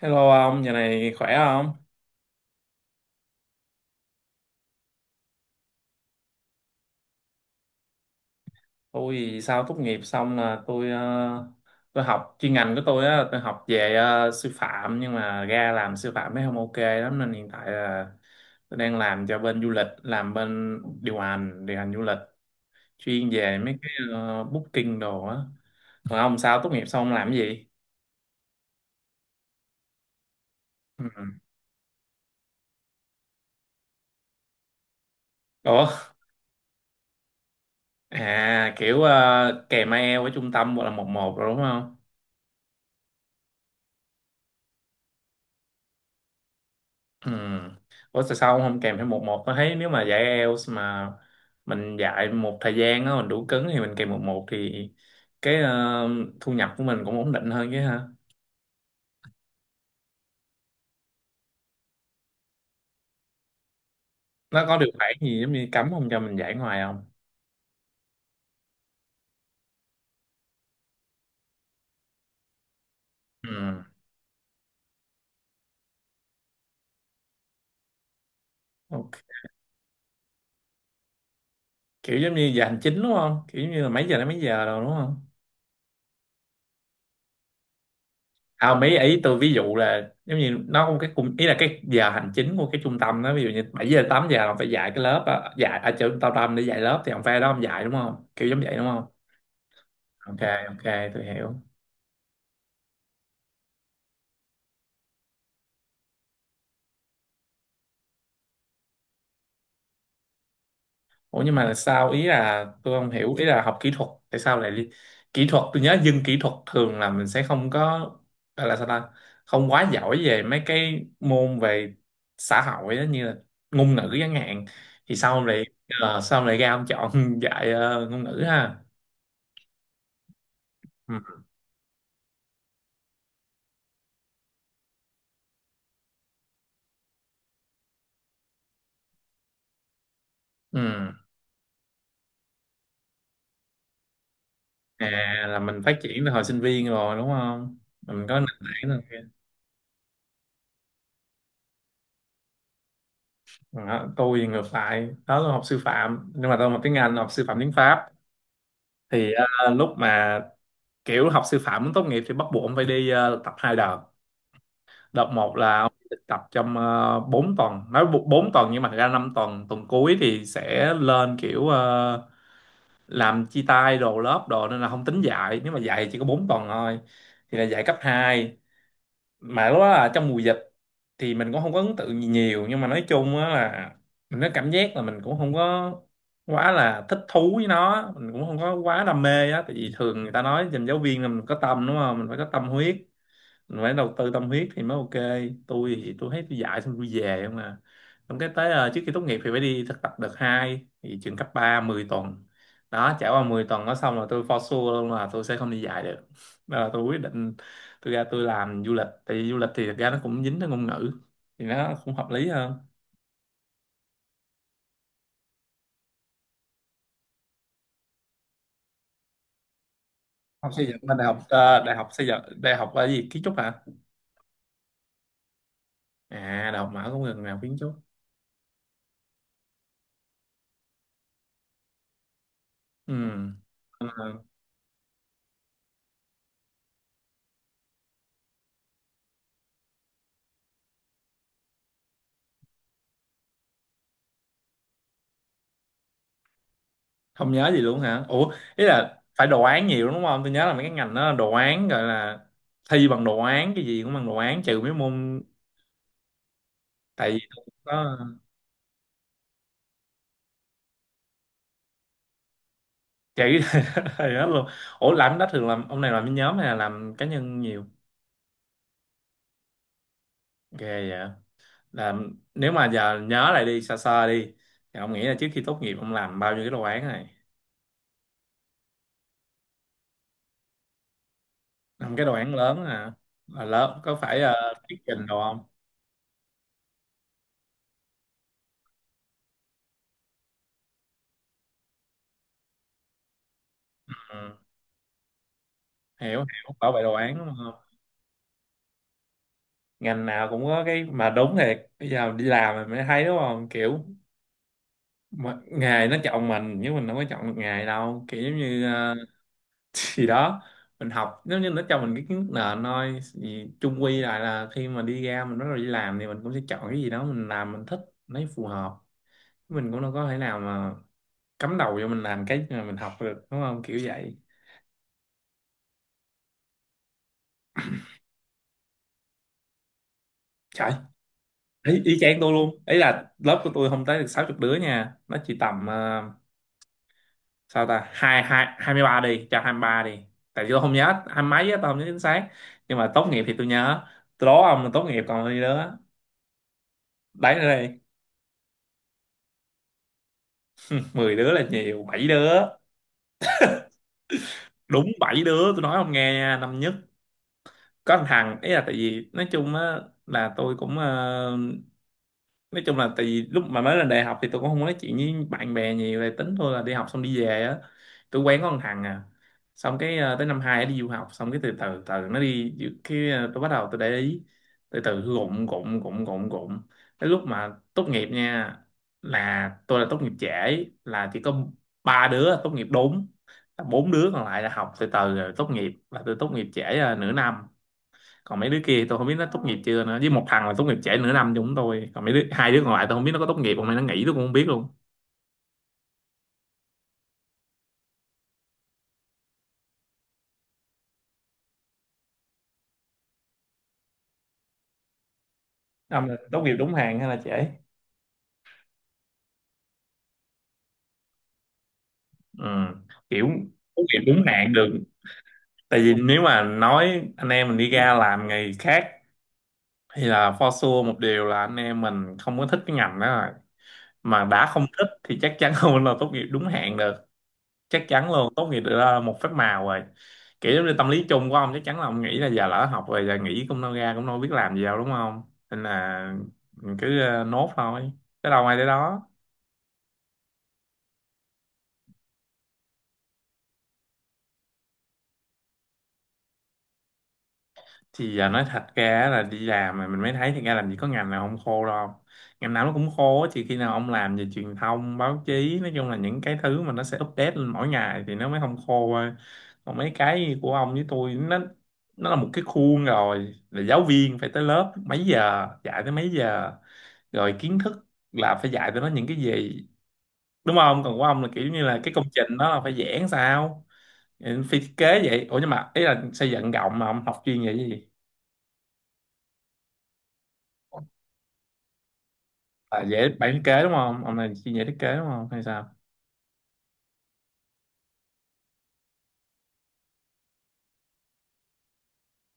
Hello ông, giờ này khỏe không? Tôi thì sau tốt nghiệp xong là tôi học chuyên ngành của tôi á, tôi học về sư phạm, nhưng mà ra làm sư phạm mới không ok lắm nên hiện tại là tôi đang làm cho bên du lịch, làm bên điều hành du lịch, chuyên về mấy cái booking đồ á. Còn ông sao tốt nghiệp xong ông làm cái gì? Ừ. Ủa, à kiểu kèm ai eo ở trung tâm hoặc là một một rồi đúng không? Ừ. Ủa, tại sao ông không kèm thêm một một? Tôi thấy nếu mà dạy IELTS mà mình dạy một thời gian á, mình đủ cứng thì mình kèm một một thì cái thu nhập của mình cũng ổn định hơn chứ ha. Nó có điều khoản gì giống như cấm không cho mình dạy ngoài không? Ừ. Ok. Kiểu giống như giờ hành chính đúng không? Kiểu giống như là mấy giờ đến mấy giờ rồi đúng không? À, mấy ý tôi ví dụ là giống như nó có một cái cùng, ý là cái giờ hành chính của cái trung tâm đó, ví dụ như 7 giờ đến 8 giờ là ông phải dạy cái lớp á, dạy ở chỗ trung tâm, để dạy lớp thì ông phải ở đó ông dạy đúng không? Kiểu giống vậy đúng không? Ok, ok, tôi hiểu. Ủa nhưng mà sao, ý là tôi không hiểu, ý là học kỹ thuật tại sao lại kỹ thuật, tôi nhớ dân kỹ thuật thường là mình sẽ không có, gọi là sao ta, không quá giỏi về mấy cái môn về xã hội đó, như là ngôn ngữ chẳng hạn, thì sao ông lại ra ông chọn dạy ngôn ngữ ha. Ừ. Ừ. À, là mình phát triển từ hồi sinh viên rồi đúng không, mình có nền tảng rồi. Đó, tôi thì ngược lại đó, là học sư phạm nhưng mà tôi học tiếng Anh, học sư phạm tiếng Pháp, thì lúc mà kiểu học sư phạm muốn tốt nghiệp thì bắt buộc ông phải đi tập hai đợt. Đợt một là ông được tập trong 4 tuần, 4 tuần, nhưng mà thật ra 5 tuần, tuần cuối thì sẽ lên kiểu làm chia tay đồ lớp đồ nên là không tính dạy, nếu mà dạy thì chỉ có 4 tuần thôi, thì là dạy cấp hai. Mà lúc đó là trong mùa dịch thì mình cũng không có ấn tượng gì nhiều, nhưng mà nói chung á là mình có cảm giác là mình cũng không có quá là thích thú với nó, mình cũng không có quá đam mê á, tại vì thường người ta nói dành giáo viên là mình có tâm đúng không, mình phải có tâm huyết, mình phải đầu tư tâm huyết thì mới ok. Tôi thì tôi thấy tôi dạy xong tôi về không à. Xong cái tới trước khi tốt nghiệp thì phải đi thực tập đợt 2 thì trường cấp 3 10 tuần. Đó, trải qua 10 tuần đó xong là tôi for sure luôn là tôi sẽ không đi dạy được. Đó là tôi quyết định tôi ra tôi làm du lịch, tại vì du lịch thì thực ra nó cũng dính tới ngôn ngữ thì nó cũng hợp lý hơn. Học xây dựng bên đại học đại học xây dựng, đại học là gì, kiến trúc hả? À, đại học mở cũng gần nào kiến trúc. Ừ. Không nhớ gì luôn hả? Ủa ý là phải đồ án nhiều đúng không, tôi nhớ là mấy cái ngành đó là đồ án, gọi là thi bằng đồ án, cái gì cũng bằng đồ án trừ mấy môn. Tại vì tôi cũng có chạy thầy hết luôn. Ủa làm cái đó thường làm, ông này làm cái nhóm hay là làm cá nhân nhiều? Ghê vậy. Làm, nếu mà giờ nhớ lại đi sơ sơ đi, thì ông nghĩ là trước khi tốt nghiệp ông làm bao nhiêu cái đồ án này? Làm cái đồ án lớn hả? Là lớn, có phải thuyết trình đồ không? Ừ. Hiểu hiểu, bảo vệ đồ án đúng. Ngành nào cũng có cái mà, đúng thiệt, bây giờ đi làm mình mới thấy đúng không, kiểu mà, nghề nó chọn mình nhưng mình đâu có chọn được nghề đâu, kiểu giống như gì đó. Mình học nếu như nó cho mình cái kiến thức nền thôi thì chung quy lại là khi mà đi ra mình bắt đầu đi làm thì mình cũng sẽ chọn cái gì đó mình làm mình thích, lấy phù hợp. Mình cũng đâu có thể nào mà cắm đầu vô mình làm cái mà mình học được đúng không, kiểu vậy. Trời. Ý, ý chang tôi luôn, ấy là lớp của tôi không tới được 60 đứa nha, nó chỉ tầm sao ta, hai hai 23 đi, cho 23 đi, tại vì tôi không nhớ hai mấy á, tôi không nhớ chính xác. Nhưng mà tốt nghiệp thì tôi nhớ. Tôi đố ông là tốt nghiệp còn bao nhiêu đứa? Đấy nữa đi. 10 đứa là nhiều, bảy đứa. Đúng, bảy đứa, tôi nói ông nghe nha. Năm nhất, có thằng thằng, ý là tại vì nói chung á là tôi cũng nói chung là tại vì lúc mà mới lên đại học thì tôi cũng không có nói chuyện với bạn bè nhiều về, tính thôi là đi học xong đi về á. Tôi quen có con thằng à, xong cái tới năm hai nó đi du học, xong cái từ từ từ nó đi, cái tôi bắt đầu tôi để ý. Từ từ gụng gụng gụng gụng gụng, tới lúc mà tốt nghiệp nha, là tôi là tốt nghiệp trễ, là chỉ có ba đứa tốt nghiệp đúng, là bốn đứa còn lại là học từ từ rồi tốt nghiệp, là tôi tốt nghiệp trễ nửa năm. Còn mấy đứa kia tôi không biết nó tốt nghiệp chưa nữa, với một thằng là tốt nghiệp trễ nửa năm chúng tôi, còn mấy đứa, hai đứa còn lại tôi không biết nó có tốt nghiệp không hay nó nghỉ, tôi cũng không biết luôn. Năm là tốt nghiệp đúng hạn hay là trễ? Ừ. Kiểu, tốt nghiệp đúng hạn được. Tại vì nếu mà nói anh em mình đi ra làm nghề khác thì là for sure một điều là anh em mình không có thích cái ngành đó rồi, mà đã không thích thì chắc chắn không là tốt nghiệp đúng hạn được. Chắc chắn luôn tốt nghiệp được một phép màu rồi. Kiểu giống như tâm lý chung của ông chắc chắn là ông nghĩ là giờ lỡ học rồi, giờ nghỉ cũng đâu ra cũng đâu biết làm gì đâu đúng không, nên là mình cứ nốt thôi, tới đâu ai tới đó. Thì à, nói thật ra là đi làm mà mình mới thấy thì ra làm gì có ngành nào không khô đâu. Ngành nào nó cũng khô á, chỉ khi nào ông làm về truyền thông báo chí, nói chung là những cái thứ mà nó sẽ update lên mỗi ngày thì nó mới không khô thôi. Còn mấy cái của ông với tôi nó là một cái khuôn rồi, là giáo viên phải tới lớp mấy giờ dạy tới mấy giờ, rồi kiến thức là phải dạy tụi nó những cái gì đúng không, còn của ông là kiểu như là cái công trình đó là phải vẽ sao. Ừ, phi thiết kế vậy. Ủa nhưng mà ý là xây dựng rộng mà ông học chuyên về cái gì? À, dễ bạn thiết kế đúng không? Ông này chuyên dễ thiết kế đúng không? Hay sao?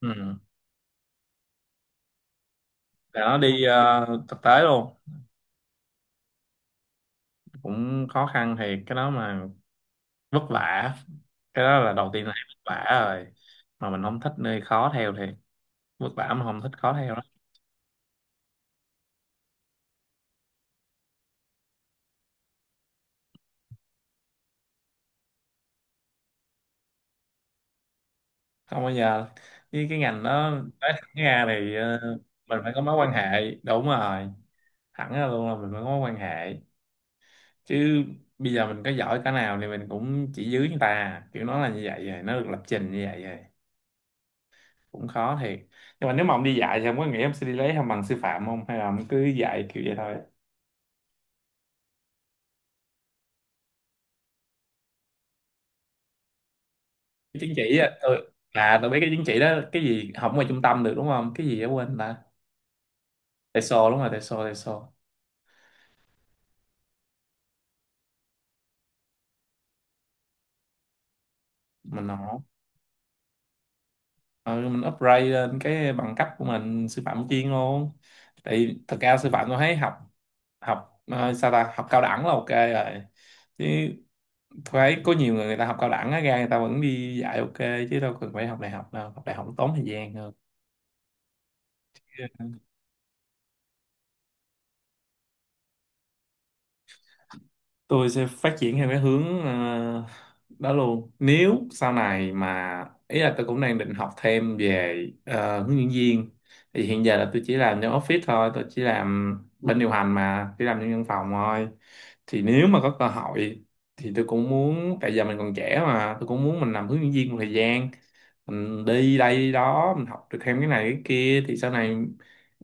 Ừ. Tại nó đi thực tế luôn. Cũng khó khăn thì cái đó mà vất vả. Cái đó là đầu tiên là vất vả rồi. Mà mình không thích nơi khó theo thì vất vả mà không thích khó theo đó. Không bao giờ. Với cái ngành đó, nói thẳng ra thì mình phải có mối quan hệ. Đúng rồi. Thẳng ra luôn là mình phải có mối quan hệ. Chứ bây giờ mình có giỏi cái nào thì mình cũng chỉ dưới người ta. Kiểu nó là như vậy rồi. Nó được lập trình như vậy rồi. Cũng khó thiệt. Nhưng mà nếu mà ông đi dạy thì ông có nghĩ ông sẽ đi lấy không bằng sư phạm không, hay là ông cứ dạy kiểu vậy thôi? Cái chứng chỉ á, tôi biết cái chứng chỉ đó, cái gì học ngoài trung tâm được đúng không, cái gì đó quên ta. TESOL, đúng rồi, TESOL, TESOL. Mình học, ừ, mình upgrade lên cái bằng cấp của mình sư phạm chuyên luôn. Tại vì thật ra sư phạm tôi thấy học, học sao ta, học cao đẳng là ok rồi. Chứ tôi thấy có nhiều người, người ta học cao đẳng á ra người ta vẫn đi dạy ok, chứ đâu cần phải học đại học đâu, học đại học tốn thời gian hơn. Tôi sẽ phát triển theo cái hướng đó luôn, nếu sau này mà ý là tôi cũng đang định học thêm về hướng dẫn viên. Thì hiện giờ là tôi chỉ làm trong office thôi, tôi chỉ làm bên điều hành mà chỉ làm trong văn phòng thôi. Thì nếu mà có cơ hội thì tôi cũng muốn, tại giờ mình còn trẻ mà, tôi cũng muốn mình làm hướng dẫn viên một thời gian, mình đi đây đi đó mình học được thêm cái này cái kia thì sau này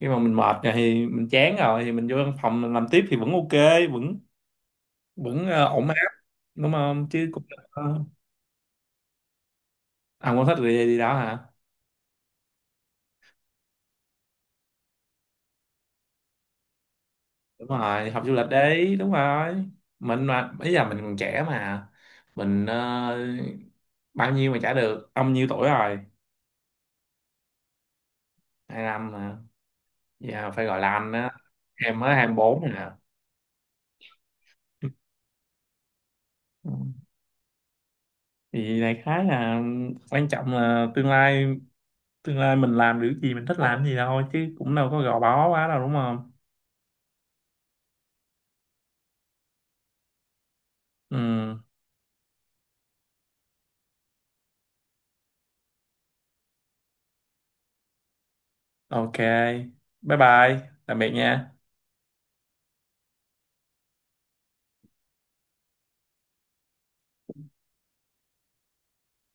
khi mà mình mệt rồi thì mình chán rồi thì mình vô văn phòng mình làm tiếp thì vẫn ok, vẫn vẫn ờ, ổn áp. Đúng không chứ cũng ờ, à, muốn thích đi đi đó hả? Đúng rồi, học du lịch đấy, đúng rồi. Mình mà bây giờ mình còn trẻ mà mình bao nhiêu mà trả được, ông nhiêu tuổi rồi? Hai năm mà giờ phải gọi là anh á, em mới 24 nè. Ừ. Thì đại khái là quan trọng là tương lai, tương lai mình làm được gì mình thích làm gì thôi chứ cũng đâu có gò bó quá đâu đúng không. Ừ. Ok. Bye bye, tạm biệt nha.